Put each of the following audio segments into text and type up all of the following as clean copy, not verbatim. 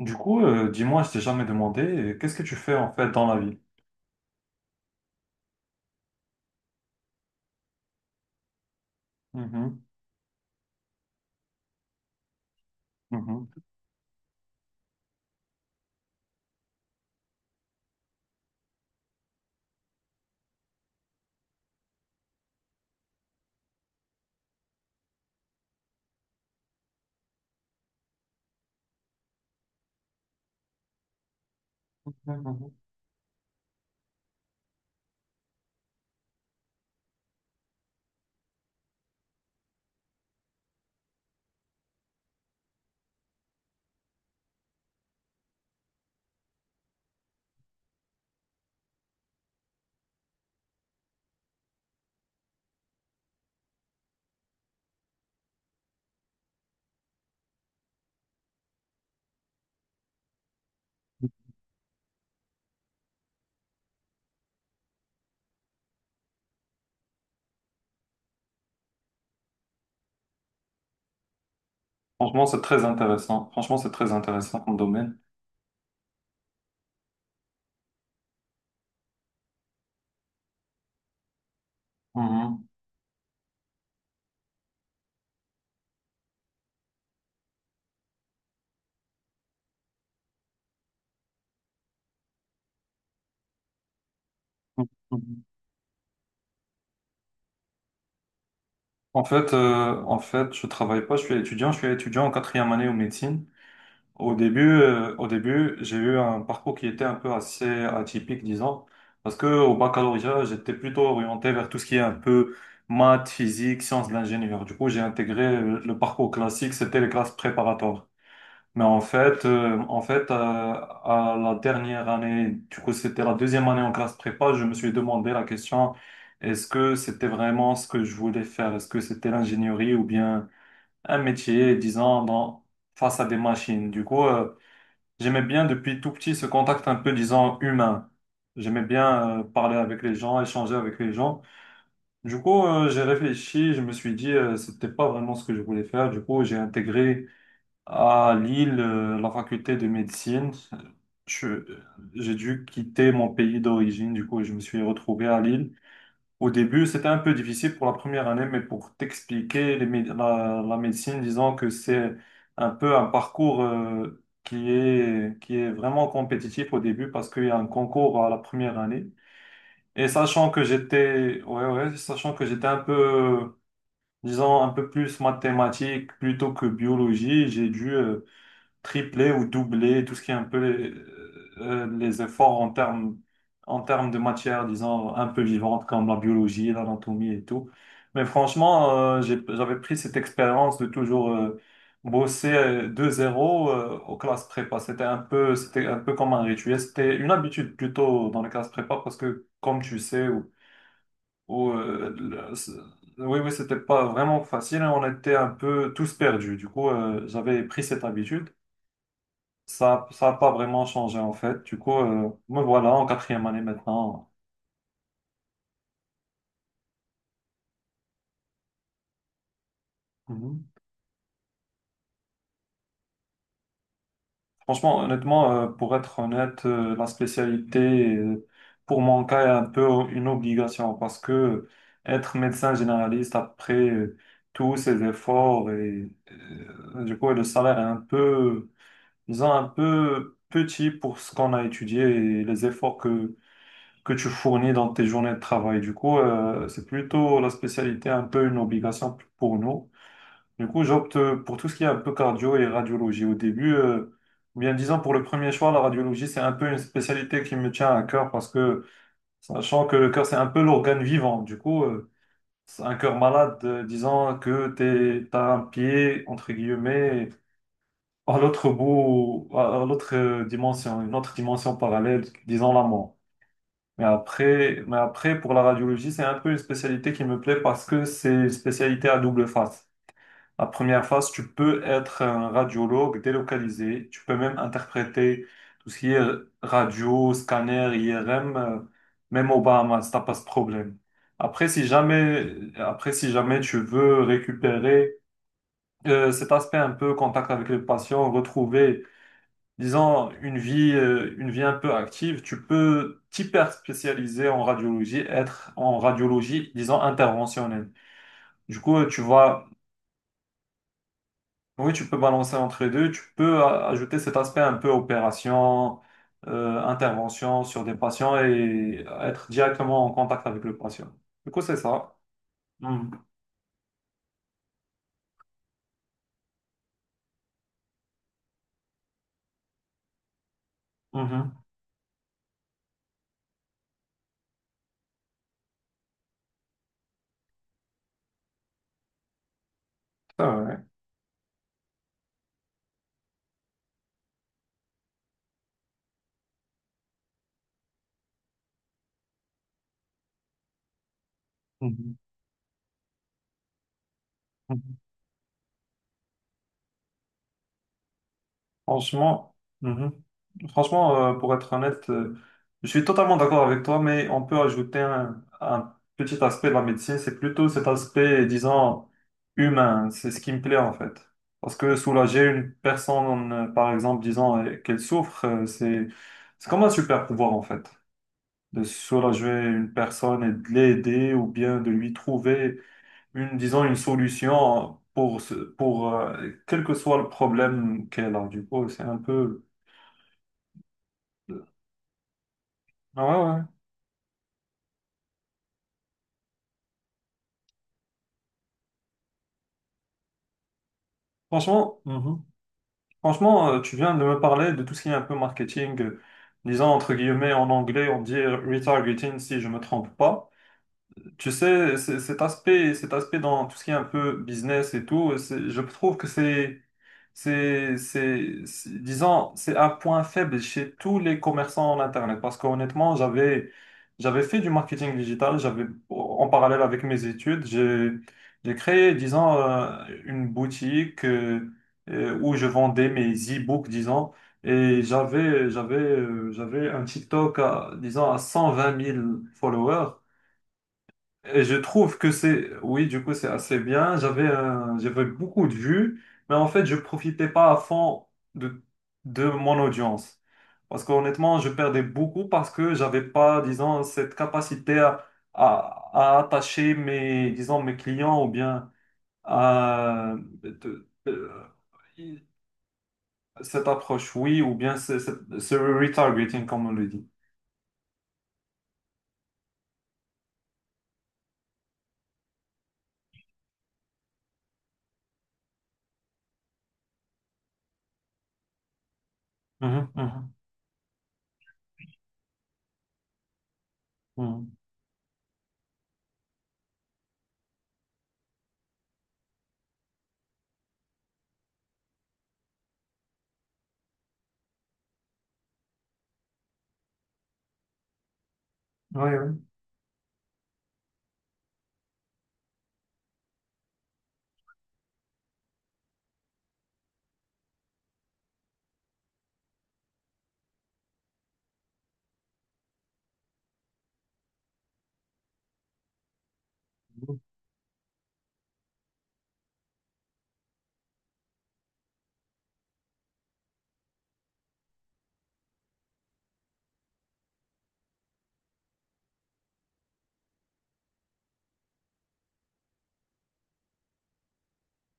Du coup, dis-moi, je t'ai jamais demandé, qu'est-ce que tu fais en fait dans la vie? Mhm, mhm, mhm. Franchement, c'est très intéressant. Franchement, c'est très intéressant comme domaine. Mhm, mhm, mhm. En fait, je travaille pas, je suis étudiant en quatrième année en médecine. Au début, j'ai eu un parcours qui était un peu assez atypique, disons, parce que au baccalauréat, j'étais plutôt orienté vers tout ce qui est un peu maths, physique, sciences de l'ingénieur. Du coup, j'ai intégré le parcours classique, c'était les classes préparatoires. Mais en fait, à la dernière année, du coup, c'était la deuxième année en classe prépa, je me suis demandé la question, est-ce que c'était vraiment ce que je voulais faire? Est-ce que c'était l'ingénierie ou bien un métier, disons, dans, face à des machines? Du coup, j'aimais bien depuis tout petit ce contact un peu, disons, humain. J'aimais bien, parler avec les gens, échanger avec les gens. Du coup, j'ai réfléchi, je me suis dit, c'était pas vraiment ce que je voulais faire. Du coup, j'ai intégré à Lille, la faculté de médecine, je- j'ai dû quitter mon pays d'origine, du coup, je me suis retrouvé à Lille. Au début, c'était un peu difficile pour la première année, mais pour t'expliquer, la médecine, disons que c'est un peu un parcours qui est vraiment compétitif au début parce qu'il y a un concours à la première année. Et sachant que j'étais, ouais, ouais, sachant que j'étais un peu, disons, un peu plus mathématique plutôt que biologie, j'ai dû tripler ou doubler tout ce qui est un peu les efforts en termes de matières, disons, un peu vivantes comme la biologie, l'anatomie et tout. Mais franchement, j'ai- j'avais pris cette expérience de toujours bosser de zéro aux classes prépa. C'était un peu comme un rituel. C'était une habitude plutôt dans les classes prépa parce que, comme tu sais, ou, euh, le- c'est- oui, oui, c'était pas vraiment facile. On était un peu tous perdus. Du coup, j'avais pris cette habitude. Ça n'a pas vraiment changé en fait. Du coup, me voilà en quatrième année maintenant. Mhm. Honnêtement, pour être honnête, la spécialité, euh, pour mon cas, est un peu une obligation parce que être médecin généraliste après tous ces efforts et le salaire est un peu, disons, un peu petit pour ce qu'on a étudié et les efforts que tu fournis dans tes journées de travail. Du coup, c'est plutôt la spécialité, un peu une obligation pour nous. Du coup, j'opte pour tout ce qui est un peu cardio et radiologie. Au début, ou bien disons pour le premier choix, la radiologie, c'est un peu une spécialité qui me tient à cœur parce que, sachant que le cœur, c'est un peu l'organe vivant. Du coup, c'est un cœur malade, disons que t'es, t'as un pied, entre guillemets, à l'autre bout, à l'autre dimension, une autre dimension parallèle, disons la mort. Mais après, pour la radiologie, c'est un peu une spécialité qui me plaît parce que c'est une spécialité à double face. La première phase, tu peux être un radiologue délocalisé. Tu peux même interpréter tout ce qui est radio, scanner, IRM, même au Bahamas, t'as pas ce problème. Après, si jamais tu veux récupérer cet aspect un peu contact avec les patients, retrouver, disons, une vie un peu active, tu peux t'hyper spécialiser en radiologie, être en radiologie, disons, interventionnelle. Du coup, tu vas. Oui, tu peux balancer entre les deux. Tu peux ajouter cet aspect un peu opération, intervention sur des patients et être directement en contact avec le patient. Du coup, c'est ça. Mhm. Mhm. C'est vrai. Mhm. Mhm. Franchement. Mhm. Franchement, pour être honnête, je suis totalement d'accord avec toi, mais on peut ajouter un petit aspect de la médecine, c'est plutôt cet aspect, disons, humain. C'est ce qui me plaît en fait. Parce que soulager une personne, par exemple, disant qu'elle souffre, c'est comme un super pouvoir en fait. De soulager une personne et de l'aider ou bien de lui trouver une, disons, une solution pour, pour quel que soit le problème qu'elle a. Du coup, c'est un peu... Ah ouais, ouais. Franchement, mhm. Franchement, tu viens de me parler de tout ce qui est un peu marketing, disons entre guillemets en anglais, on dit retargeting si je me trompe pas. Cet aspect dans tout ce qui est un peu business et tout, je trouve que disons, c'est un point faible chez tous les commerçants en Internet. Parce qu'honnêtement, j'avais fait du marketing digital, en parallèle avec mes études, j'ai créé, disons, une boutique où je vendais mes e-books, disons. Et j'avais un TikTok à, disons, à 120 000 followers. Et je trouve que c'est, oui, du coup, c'est assez bien. J'avais beaucoup de vues, mais en fait, je profitais pas à fond de, de mon audience. Parce qu'honnêtement, je perdais beaucoup parce que j'avais pas, disons, cette capacité à attacher mes, disons, mes clients ou bien à de- de- cette approche, oui, ou bien ce retargeting, comme on le dit. Mhm, mhm, mhm. Oui, oui.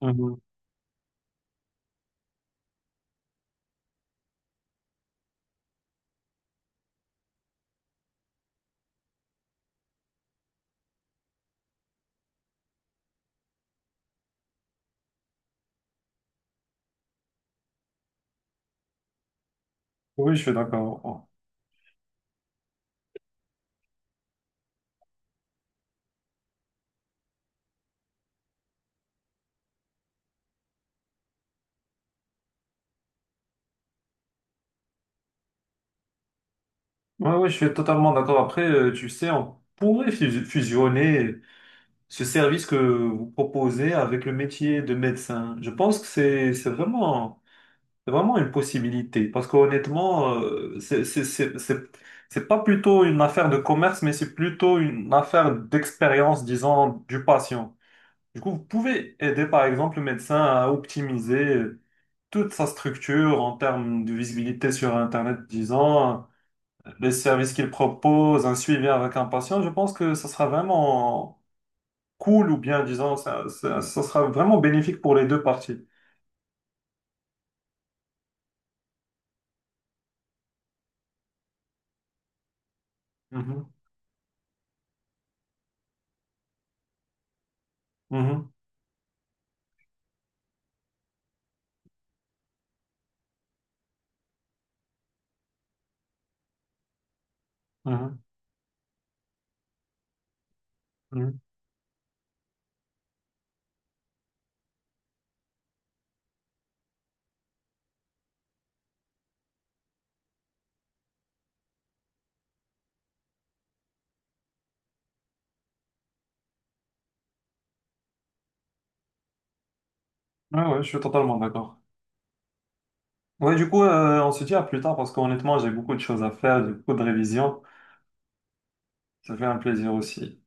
Mhm. Oui, je suis d'accord. Ouais, ouais, je suis totalement d'accord. Après, tu sais, on pourrait fusionner ce service que vous proposez avec le métier de médecin. Je pense que c'est vraiment une possibilité parce qu'honnêtement, c'est pas plutôt une affaire de commerce, mais c'est plutôt une affaire d'expérience, disons, du patient. Du coup, vous pouvez aider par exemple le médecin à optimiser toute sa structure en termes de visibilité sur Internet, disons les services qu'ils proposent, un suivi avec un patient, je pense que ça sera vraiment cool ou bien, disons, ça sera vraiment bénéfique pour les deux parties. Mhm, mhm, mhm, mhm. Ouais, ouais, je suis totalement d'accord. Ouais, du coup, on se dit à plus tard parce qu'honnêtement, j'ai beaucoup de choses à faire, j'ai beaucoup de révisions. Ça fait un plaisir aussi.